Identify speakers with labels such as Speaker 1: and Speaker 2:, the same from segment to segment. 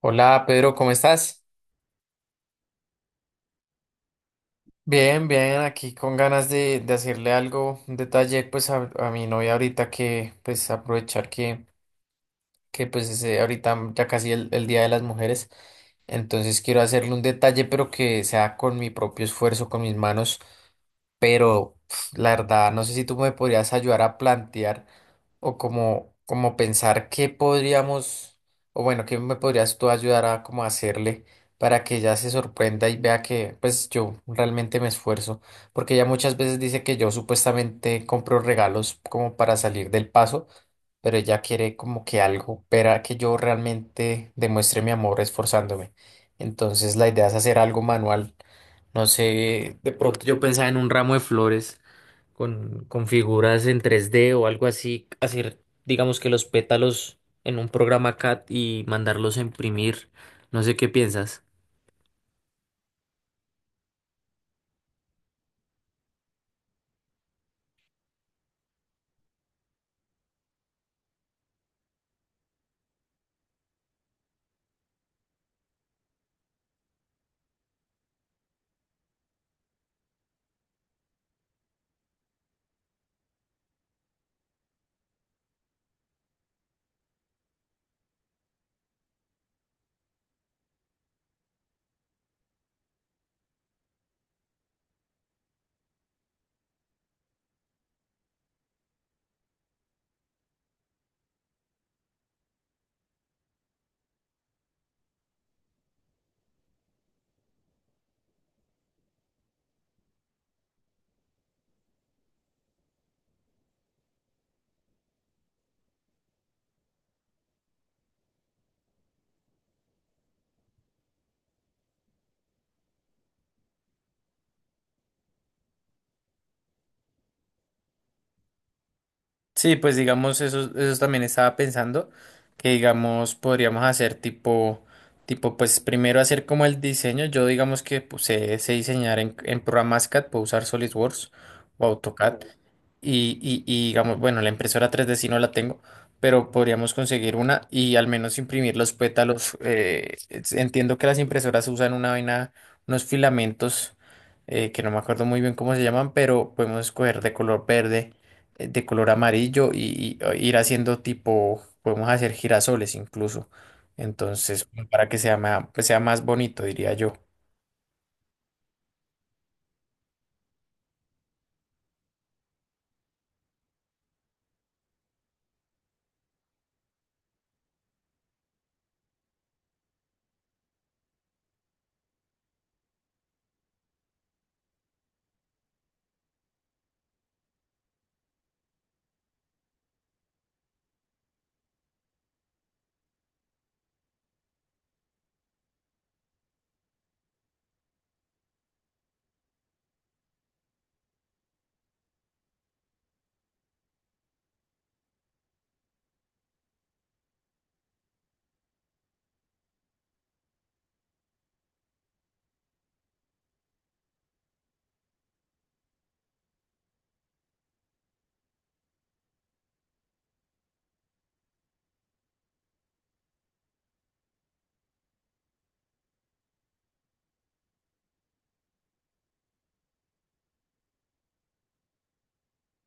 Speaker 1: Hola, Pedro, ¿cómo estás? Bien, bien, aquí con ganas de hacerle algo, un detalle pues a mi novia ahorita que pues aprovechar que ahorita ya casi el Día de las Mujeres. Entonces quiero hacerle un detalle pero que sea con mi propio esfuerzo, con mis manos. Pero la verdad, no sé si tú me podrías ayudar a plantear o como pensar qué podríamos, o bueno, qué me podrías tú ayudar a como hacerle para que ella se sorprenda y vea que pues yo realmente me esfuerzo, porque ella muchas veces dice que yo supuestamente compro regalos como para salir del paso, pero ella quiere como que algo, para que yo realmente demuestre mi amor esforzándome. Entonces la idea es hacer algo manual. No sé, de pronto yo pensaba en un ramo de flores con figuras en 3D o algo así, hacer, digamos que los pétalos en un programa CAD y mandarlos a imprimir. No sé qué piensas. Sí, pues digamos, eso también estaba pensando, que digamos, podríamos hacer pues primero hacer como el diseño. Yo digamos que pues, sé diseñar en programas CAD, puedo usar SolidWorks o AutoCAD, y digamos, bueno, la impresora tres d sí no la tengo, pero podríamos conseguir una y al menos imprimir los pétalos. Entiendo que las impresoras usan una vaina, unos filamentos, que no me acuerdo muy bien cómo se llaman, pero podemos escoger de color verde, de color amarillo y ir haciendo tipo, podemos hacer girasoles incluso. Entonces, para que sea más, pues sea más bonito, diría yo.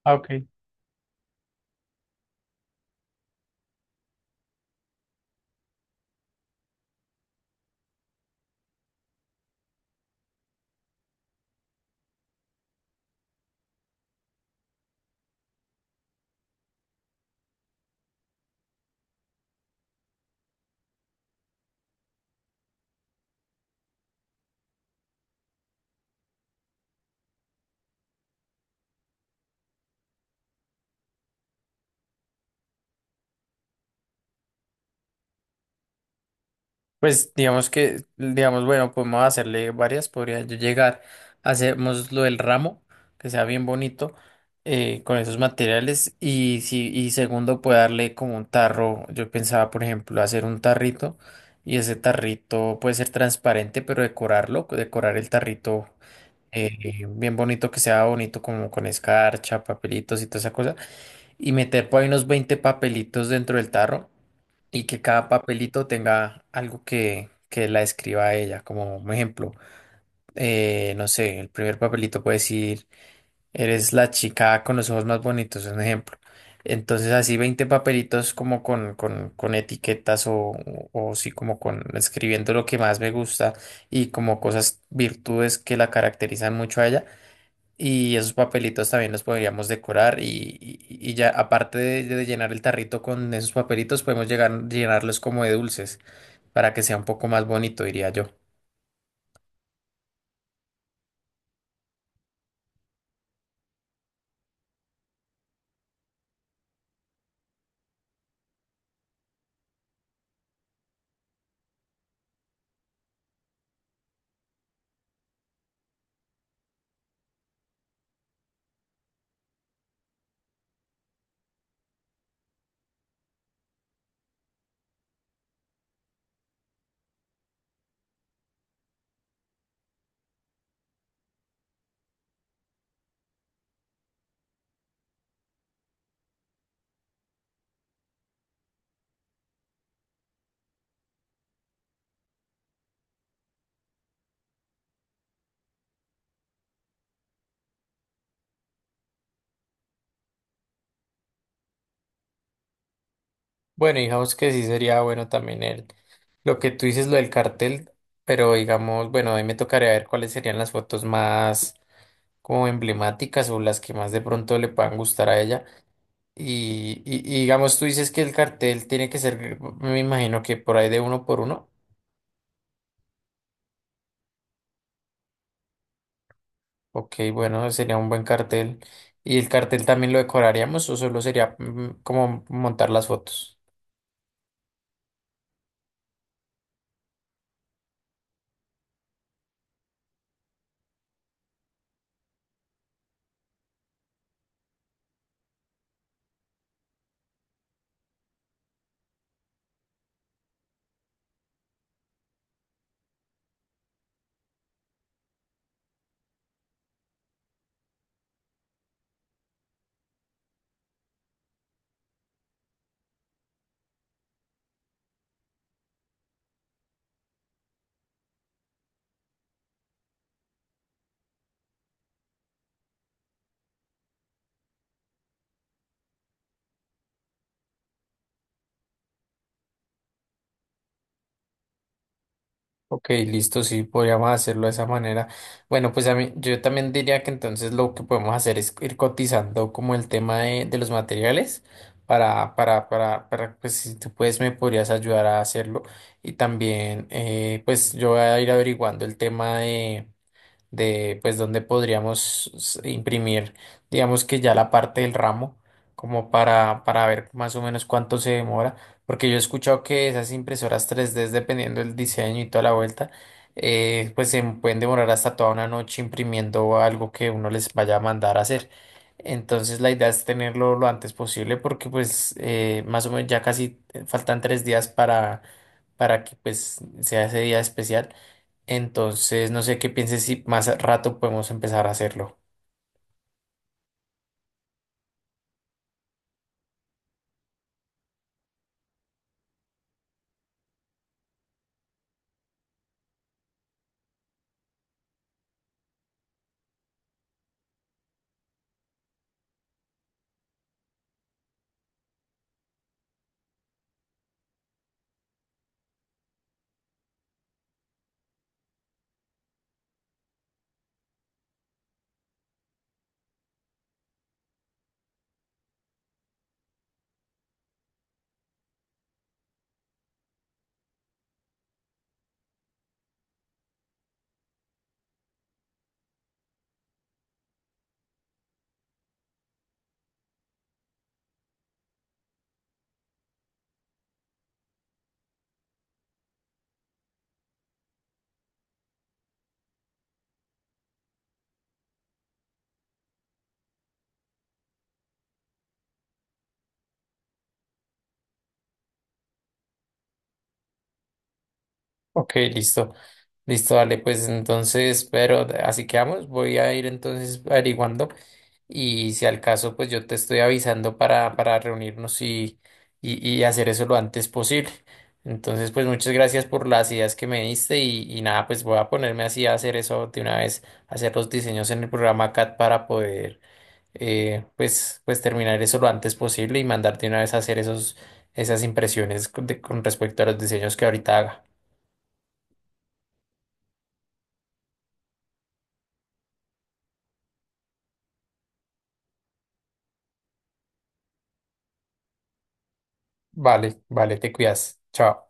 Speaker 1: Ah, ok. Pues digamos que, digamos, bueno, podemos hacerle varias, podría yo llegar, hacemos lo del ramo, que sea bien bonito, con esos materiales, y si, y segundo, puede darle como un tarro. Yo pensaba, por ejemplo, hacer un tarrito, y ese tarrito puede ser transparente, pero decorarlo, decorar el tarrito bien bonito, que sea bonito como con escarcha, papelitos y toda esa cosa, y meter por ahí unos 20 papelitos dentro del tarro y que cada papelito tenga algo que la describa a ella. Como un ejemplo, no sé, el primer papelito puede decir, eres la chica con los ojos más bonitos, es un ejemplo. Entonces así 20 papelitos como con etiquetas o sí como con escribiendo lo que más me gusta y como cosas, virtudes que la caracterizan mucho a ella. Y esos papelitos también los podríamos decorar, y ya aparte de llenar el tarrito con esos papelitos, podemos llegar, llenarlos como de dulces para que sea un poco más bonito, diría yo. Bueno, digamos que sí sería bueno también lo que tú dices, lo del cartel, pero digamos, bueno, ahí me tocaría ver cuáles serían las fotos más como emblemáticas o las que más de pronto le puedan gustar a ella. Y digamos, tú dices que el cartel tiene que ser, me imagino que por ahí de uno por uno. Ok, bueno, sería un buen cartel. ¿Y el cartel también lo decoraríamos o solo sería mm, como montar las fotos? Ok, listo, sí, podríamos hacerlo de esa manera. Bueno, pues a mí, yo también diría que entonces lo que podemos hacer es ir cotizando como el tema de los materiales pues si tú puedes me podrías ayudar a hacerlo. Y también, pues yo voy a ir averiguando el tema de pues donde podríamos imprimir, digamos que ya la parte del ramo, como para ver más o menos cuánto se demora, porque yo he escuchado que esas impresoras 3D, dependiendo del diseño y toda la vuelta, pues se pueden demorar hasta toda una noche imprimiendo algo que uno les vaya a mandar a hacer. Entonces la idea es tenerlo lo antes posible porque pues más o menos ya casi faltan 3 días para que pues sea ese día especial. Entonces, no sé qué pienses si más rato podemos empezar a hacerlo. Ok, listo. Listo, dale, pues entonces, pero así quedamos. Voy a ir entonces averiguando y si al caso, pues yo te estoy avisando para reunirnos y hacer eso lo antes posible. Entonces, pues muchas gracias por las ideas que me diste y nada, pues voy a ponerme así a hacer eso de una vez, hacer los diseños en el programa CAD para poder pues terminar eso lo antes posible y mandarte una vez a hacer esas impresiones con con respecto a los diseños que ahorita haga. Vale, vale, te cuidas. Chao.